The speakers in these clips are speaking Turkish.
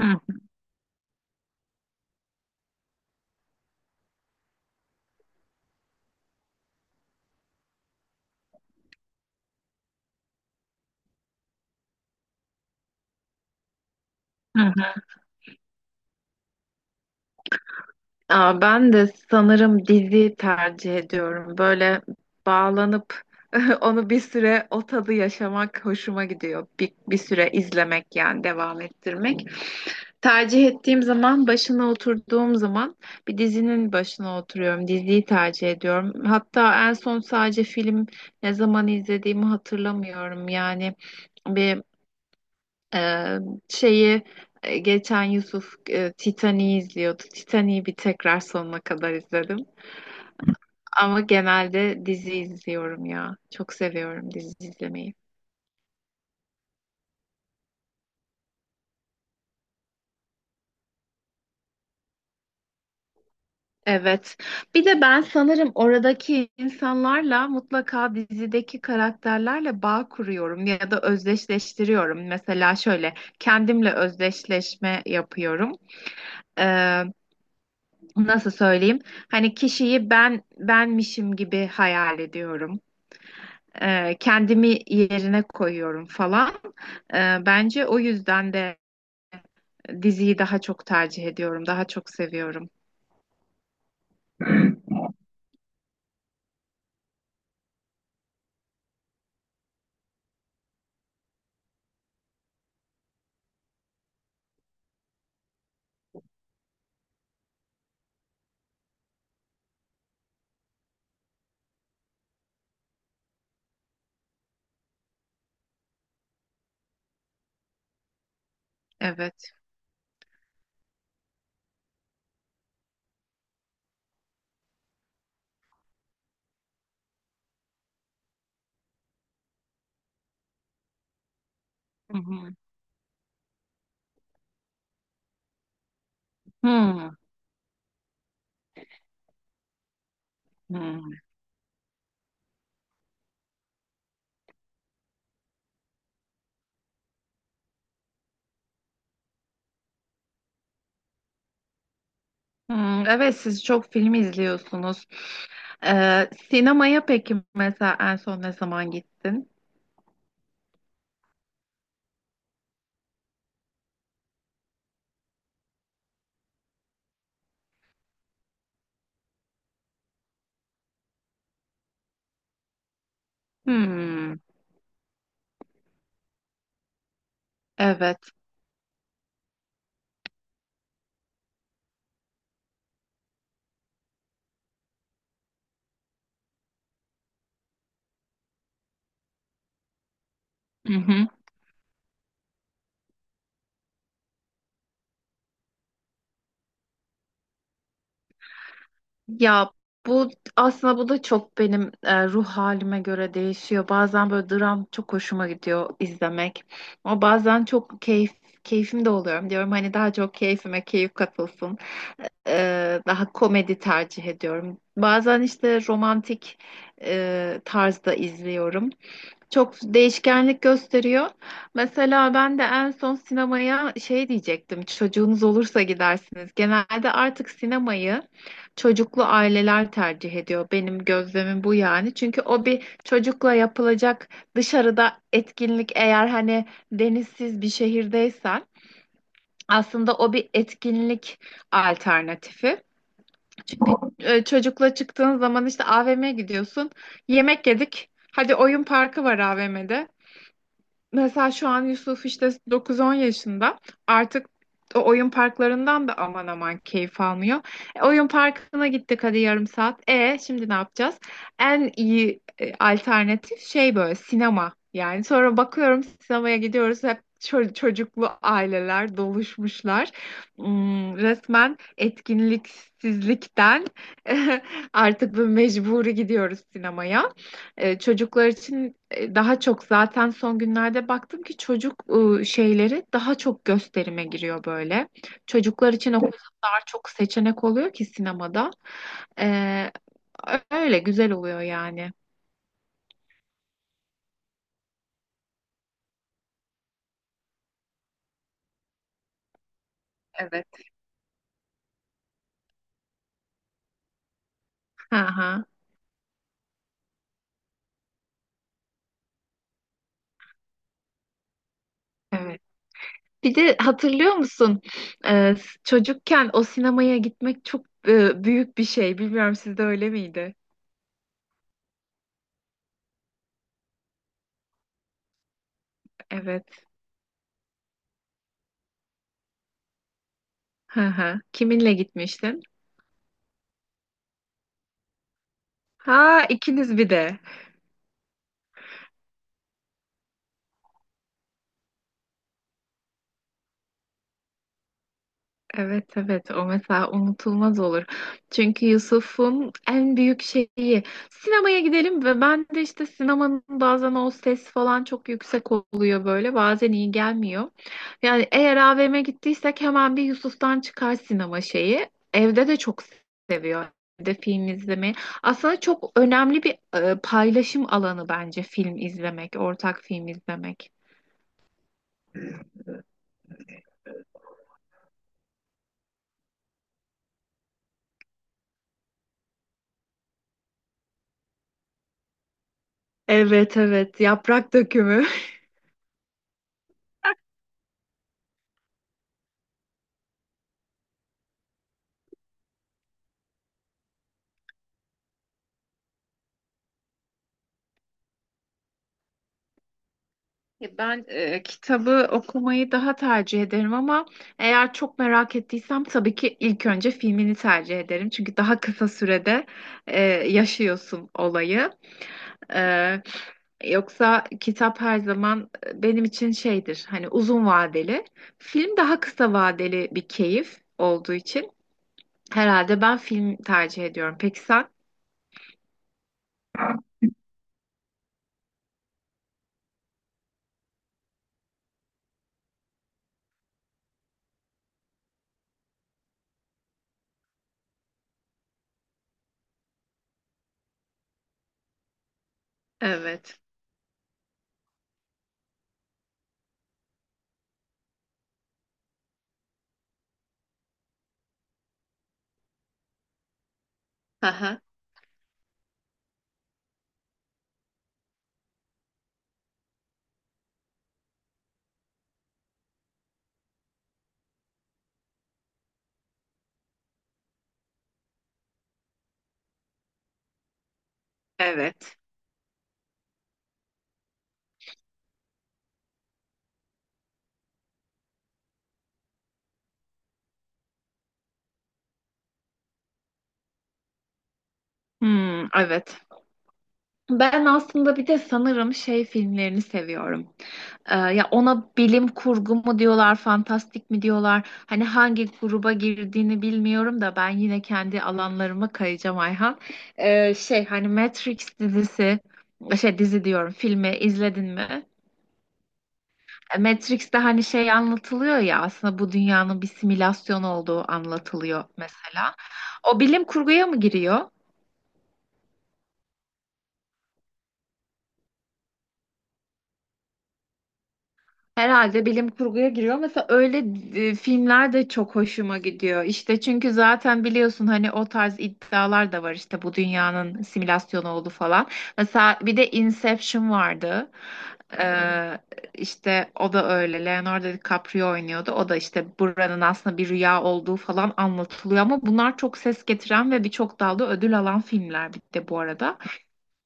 Hı hı. hı. Ben de sanırım dizi tercih ediyorum. Böyle bağlanıp onu bir süre o tadı yaşamak hoşuma gidiyor. Bir süre izlemek yani devam ettirmek. Tercih ettiğim zaman başına oturduğum zaman bir dizinin başına oturuyorum. Diziyi tercih ediyorum. Hatta en son sadece film ne zaman izlediğimi hatırlamıyorum. Ee, şeyi Geçen Yusuf Titanic'i izliyordu. Titanic'i bir tekrar sonuna kadar izledim. Ama genelde dizi izliyorum ya. Çok seviyorum dizi izlemeyi. Evet. Bir de ben sanırım oradaki insanlarla mutlaka dizideki karakterlerle bağ kuruyorum ya da özdeşleştiriyorum. Mesela şöyle kendimle özdeşleşme yapıyorum. Ee, Nasıl söyleyeyim? Hani kişiyi ben benmişim gibi hayal ediyorum. Kendimi yerine koyuyorum falan. Bence o yüzden de diziyi daha çok tercih ediyorum, daha çok seviyorum. Evet. Hı hı. Hmm, hmm, hmm. Evet, siz çok film izliyorsunuz. Sinemaya peki mesela en son ne zaman gittin? Hmm, evet. Hı hı. Ya bu aslında bu da çok benim ruh halime göre değişiyor. Bazen böyle dram çok hoşuma gidiyor izlemek. Ama bazen çok keyfim de oluyorum diyorum. Hani daha çok keyfime keyif katılsın. Daha komedi tercih ediyorum. Bazen işte romantik tarzda izliyorum. Çok değişkenlik gösteriyor. Mesela ben de en son sinemaya şey diyecektim. Çocuğunuz olursa gidersiniz. Genelde artık sinemayı çocuklu aileler tercih ediyor. Benim gözlemim bu yani. Çünkü o bir çocukla yapılacak dışarıda etkinlik eğer hani denizsiz bir şehirdeysen aslında o bir etkinlik alternatifi. Çünkü çocukla çıktığın zaman işte AVM'ye gidiyorsun. Yemek yedik. Hadi oyun parkı var AVM'de. Mesela şu an Yusuf işte 9-10 yaşında. Artık o oyun parklarından da aman aman keyif almıyor. Oyun parkına gittik hadi yarım saat. E şimdi ne yapacağız? En iyi alternatif şey böyle sinema. Yani sonra bakıyorum sinemaya gidiyoruz hep çocuklu aileler doluşmuşlar. Hmm, resmen etkinliksizlikten artık bu mecburi gidiyoruz sinemaya. Çocuklar için daha çok zaten son günlerde baktım ki çocuk şeyleri daha çok gösterime giriyor böyle. Çocuklar için o kadar çok seçenek oluyor ki sinemada. E, Öyle güzel oluyor yani. Evet. Aha, evet. Bir de hatırlıyor musun? E, Çocukken o sinemaya gitmek çok büyük bir şey. Bilmiyorum sizde öyle miydi? Evet. Hı hı. Kiminle gitmiştin? Ha, ikiniz bir de. Evet, evet, o mesela unutulmaz olur. Çünkü Yusuf'un en büyük şeyi sinemaya gidelim ve ben de işte sinemanın bazen o ses falan çok yüksek oluyor böyle bazen iyi gelmiyor. Yani eğer AVM'e gittiysek hemen bir Yusuf'tan çıkar sinema şeyi. Evde de çok seviyor evde film izlemeyi. Aslında çok önemli bir paylaşım alanı bence film izlemek, ortak film izlemek. Evet, evet, yaprak dökümü. Ya ben kitabı okumayı daha tercih ederim ama eğer çok merak ettiysem tabii ki ilk önce filmini tercih ederim. Çünkü daha kısa sürede yaşıyorsun olayı. E, Yoksa kitap her zaman benim için şeydir hani uzun vadeli. Film daha kısa vadeli bir keyif olduğu için herhalde ben film tercih ediyorum. Peki sen? Evet. Aha. Evet. Hmm, evet. Ben aslında bir de sanırım şey filmlerini seviyorum. Ya ona bilim kurgu mu diyorlar, fantastik mi diyorlar? Hani hangi gruba girdiğini bilmiyorum da ben yine kendi alanlarıma kayacağım Ayhan. Şey hani Matrix dizisi, şey dizi diyorum, filmi izledin mi? Matrix'te hani şey anlatılıyor ya aslında bu dünyanın bir simülasyon olduğu anlatılıyor mesela. O bilim kurguya mı giriyor? Herhalde bilim kurguya giriyor. Mesela öyle filmler de çok hoşuma gidiyor. İşte çünkü zaten biliyorsun hani o tarz iddialar da var işte bu dünyanın simülasyonu oldu falan. Mesela bir de Inception vardı. Ee, işte o da öyle. Leonardo DiCaprio oynuyordu. O da işte buranın aslında bir rüya olduğu falan anlatılıyor. Ama bunlar çok ses getiren ve birçok dalda ödül alan filmler bir de bu arada.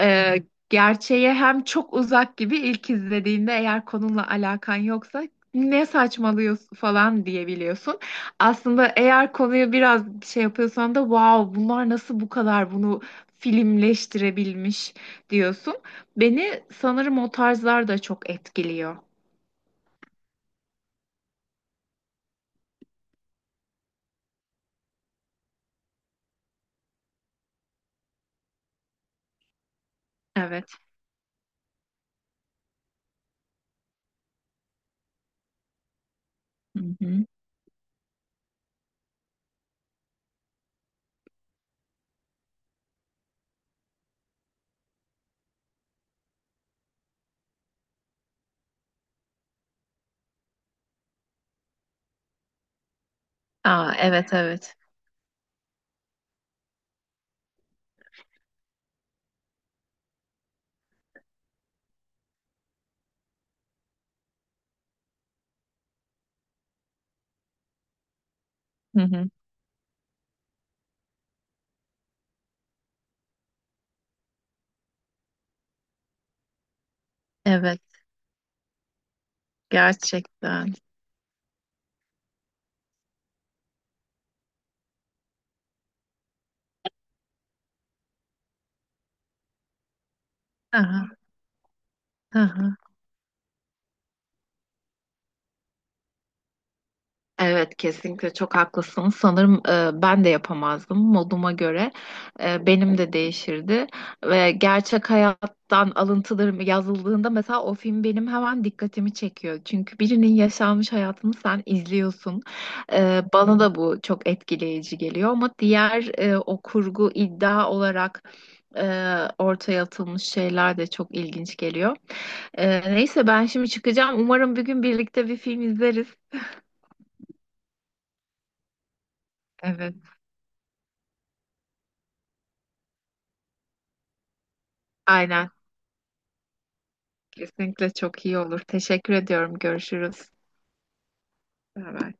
Ee, Gerçeğe hem çok uzak gibi ilk izlediğinde eğer konunla alakan yoksa ne saçmalıyorsun falan diyebiliyorsun. Aslında eğer konuyu biraz şey yapıyorsan da wow bunlar nasıl bu kadar bunu filmleştirebilmiş diyorsun. Beni sanırım o tarzlar da çok etkiliyor. Evet. Hı hı. Aa, evet, evet. Hı hı. Evet, gerçekten. Aha, aha. Evet, kesinlikle çok haklısın. Sanırım ben de yapamazdım moduma göre. Benim de değişirdi ve gerçek hayattan alıntılarım yazıldığında mesela o film benim hemen dikkatimi çekiyor. Çünkü birinin yaşanmış hayatını sen izliyorsun. Bana da bu çok etkileyici geliyor ama diğer o kurgu iddia olarak e, ortaya atılmış şeyler de çok ilginç geliyor. Neyse ben şimdi çıkacağım. Umarım bir gün birlikte bir film izleriz. Evet. Aynen. Kesinlikle çok iyi olur. Teşekkür ediyorum. Görüşürüz. Beraber.